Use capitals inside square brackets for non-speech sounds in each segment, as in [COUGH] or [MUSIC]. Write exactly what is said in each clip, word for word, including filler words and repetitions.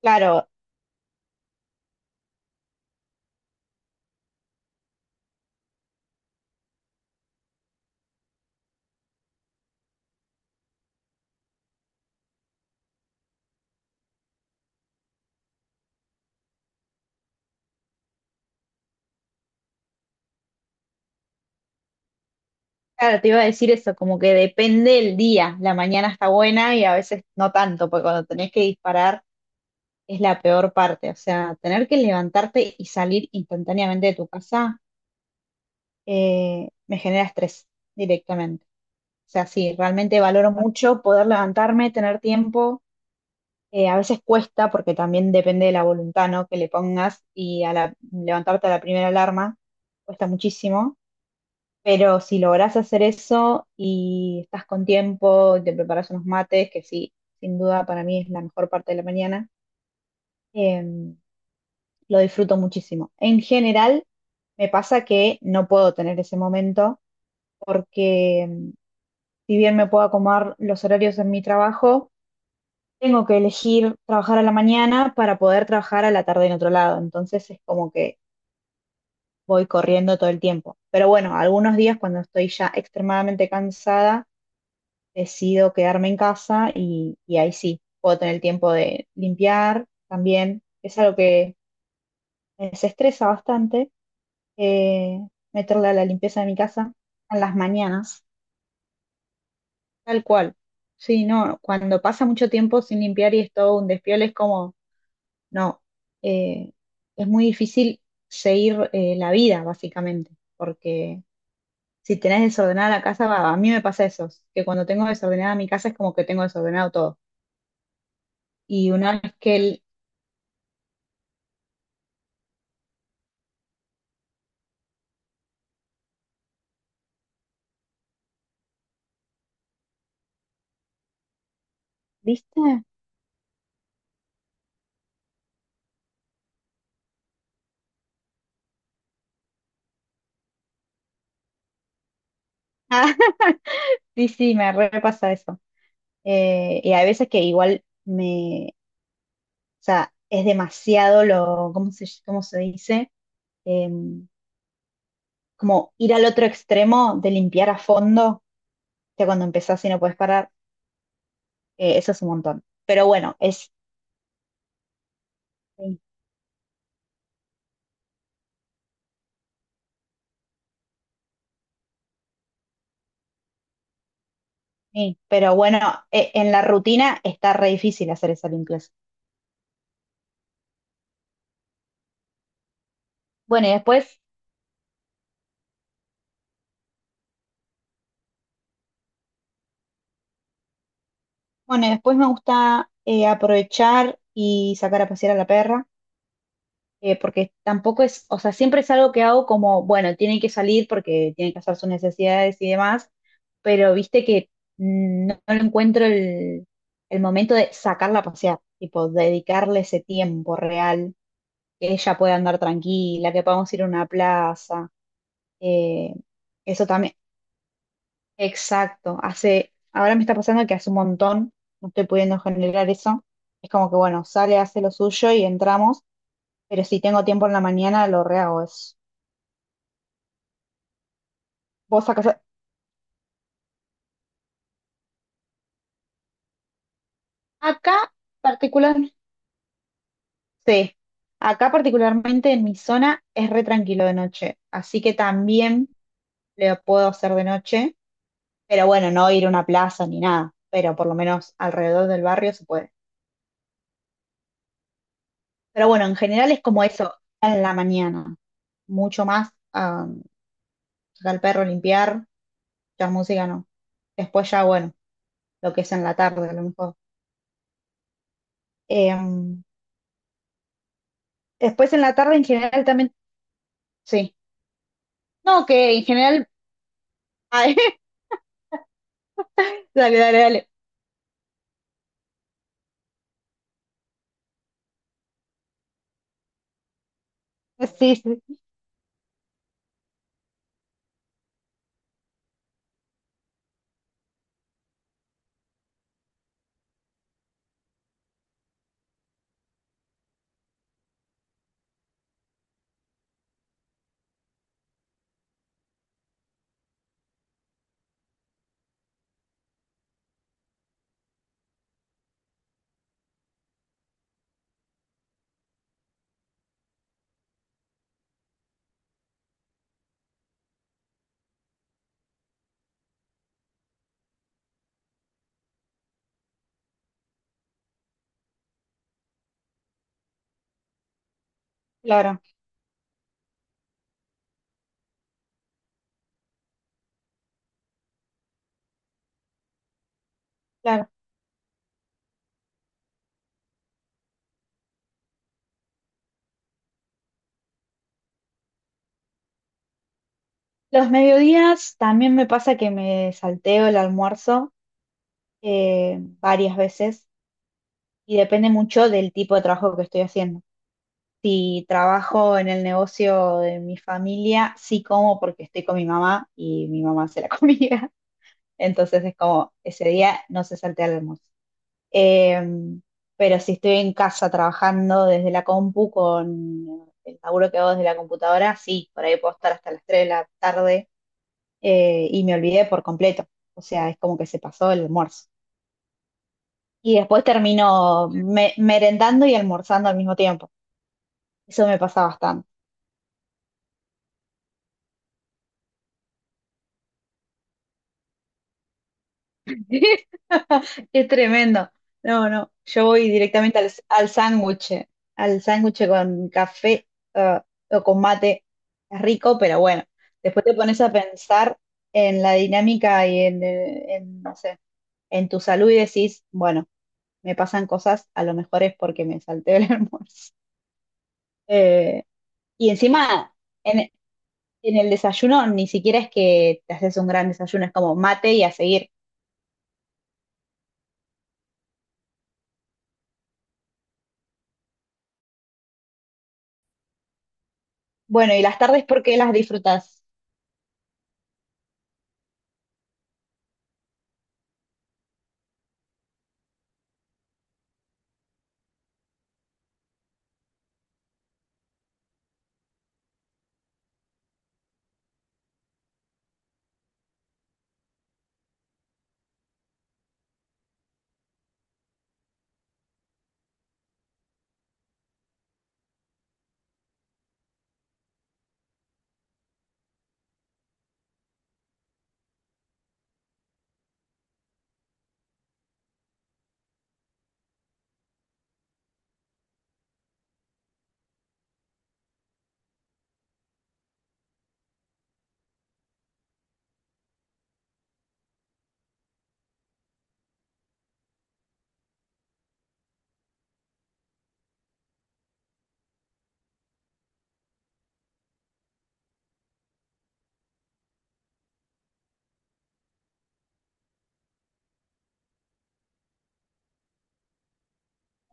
Claro, claro, te iba a decir eso, como que depende el día. La mañana está buena y a veces no tanto, porque cuando tenés que disparar es la peor parte. O sea, tener que levantarte y salir instantáneamente de tu casa eh, me genera estrés directamente. O sea, sí, realmente valoro mucho poder levantarme, tener tiempo. Eh, a veces cuesta porque también depende de la voluntad, ¿no? que le pongas y a la, levantarte a la primera alarma cuesta muchísimo. Pero si logras hacer eso y estás con tiempo, y te preparas unos mates, que sí, sin duda para mí es la mejor parte de la mañana, em, lo disfruto muchísimo. En general, me pasa que no puedo tener ese momento porque em, si bien me puedo acomodar los horarios en mi trabajo, tengo que elegir trabajar a la mañana para poder trabajar a la tarde en otro lado. Entonces es como que voy corriendo todo el tiempo. Pero bueno, algunos días cuando estoy ya extremadamente cansada, decido quedarme en casa y, y ahí sí, puedo tener el tiempo de limpiar también. Que Es algo que me desestresa bastante, eh, meterle a la limpieza de mi casa en las mañanas, tal cual. Sí, no, cuando pasa mucho tiempo sin limpiar y es todo un despiole, es como, no, eh, es muy difícil seguir eh, la vida, básicamente, porque si tenés desordenada la casa, va, a mí me pasa eso, que cuando tengo desordenada mi casa es como que tengo desordenado todo. Y una vez que ¿viste? Ah, [LAUGHS] sí, sí, me repasa eso. Eh, y hay veces que igual me, o sea, es demasiado lo, ¿cómo se, ¿cómo se dice? Em, Como ir al otro extremo de limpiar a fondo, que cuando empezás y no puedes parar, eh, eso es un montón. Pero bueno, es, sí, sí, pero bueno, e- en la rutina está re difícil hacer esa limpieza. Bueno, y después, bueno, y después me gusta eh, aprovechar y sacar a pasear a la perra. Eh, porque tampoco es, o sea, siempre es algo que hago como, bueno, tiene que salir porque tiene que hacer sus necesidades y demás, pero viste que mm, no, no encuentro el, el momento de sacarla a pasear, tipo, dedicarle ese tiempo real, que ella pueda andar tranquila, que podamos ir a una plaza, eh, eso también, exacto, hace, ahora me está pasando que hace un montón, no estoy pudiendo generar eso, es como que, bueno, sale, hace lo suyo y entramos. Pero si tengo tiempo en la mañana, lo rehago eso. Vos sacás. Acá particular, sí. Acá particularmente en mi zona es re tranquilo de noche, así que también lo puedo hacer de noche, pero bueno, no ir a una plaza ni nada, pero por lo menos alrededor del barrio se puede. Pero bueno, en general es como eso, en la mañana, mucho más, ah, sacar al perro, limpiar, la música no. Después ya, bueno, lo que es en la tarde a lo mejor. Em, Después en la tarde en general también, sí. No, que en general... [LAUGHS] Dale, dale, dale. Sí, sí, claro, claro. Los mediodías también me pasa que me salteo el almuerzo eh, varias veces y depende mucho del tipo de trabajo que estoy haciendo. Si trabajo en el negocio de mi familia, sí como porque estoy con mi mamá y mi mamá hace la [LAUGHS] comida. Entonces es como ese día no se saltea el almuerzo. Em, pero si estoy en casa trabajando desde la compu con el laburo que hago desde la computadora, sí, por ahí puedo estar hasta las tres de la tarde eh, y me olvidé por completo. O sea, es como que se pasó el almuerzo. Y después termino me- merendando y almorzando al mismo tiempo. Eso me pasa bastante. [LAUGHS] Es tremendo. No, no, yo voy directamente al, al sándwich, al sándwich con café eh, o con mate. Es rico, pero bueno, después te pones a pensar en la dinámica y en, eh, en, no sé, en tu salud y decís, bueno, me pasan cosas, a lo mejor es porque me salté el [LAUGHS] almuerzo. Eh, y encima, en, en el desayuno ni siquiera es que te haces un gran desayuno, es como mate y a seguir. Bueno, ¿y las tardes por qué las disfrutas?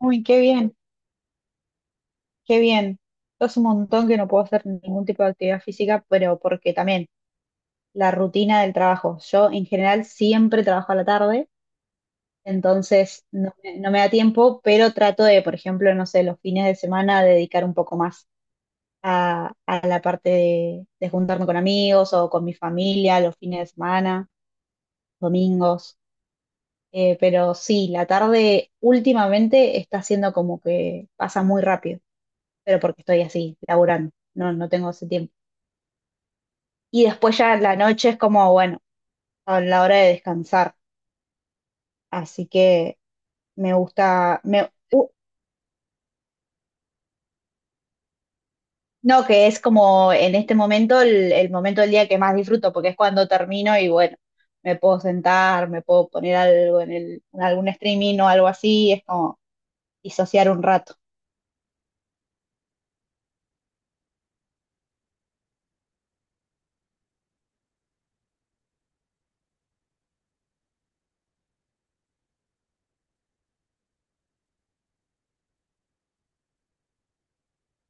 Uy, qué bien, qué bien. Es un montón que no puedo hacer ningún tipo de actividad física, pero porque también la rutina del trabajo. Yo en general siempre trabajo a la tarde, entonces no, me no me da tiempo, pero trato de, por ejemplo, no sé, los fines de semana dedicar un poco más a, a la parte de, de juntarme con amigos o con mi familia los fines de semana, domingos. Eh, pero sí, la tarde últimamente está siendo como que pasa muy rápido. Pero porque estoy así, laburando, no, no tengo ese tiempo. Y después ya la noche es como, bueno, a la hora de descansar, así que me gusta, me, uh, no, que es como en este momento el, el momento del día que más disfruto, porque es cuando termino y bueno, me puedo sentar, me puedo poner algo en, el, en algún streaming o algo así, es como disociar un rato.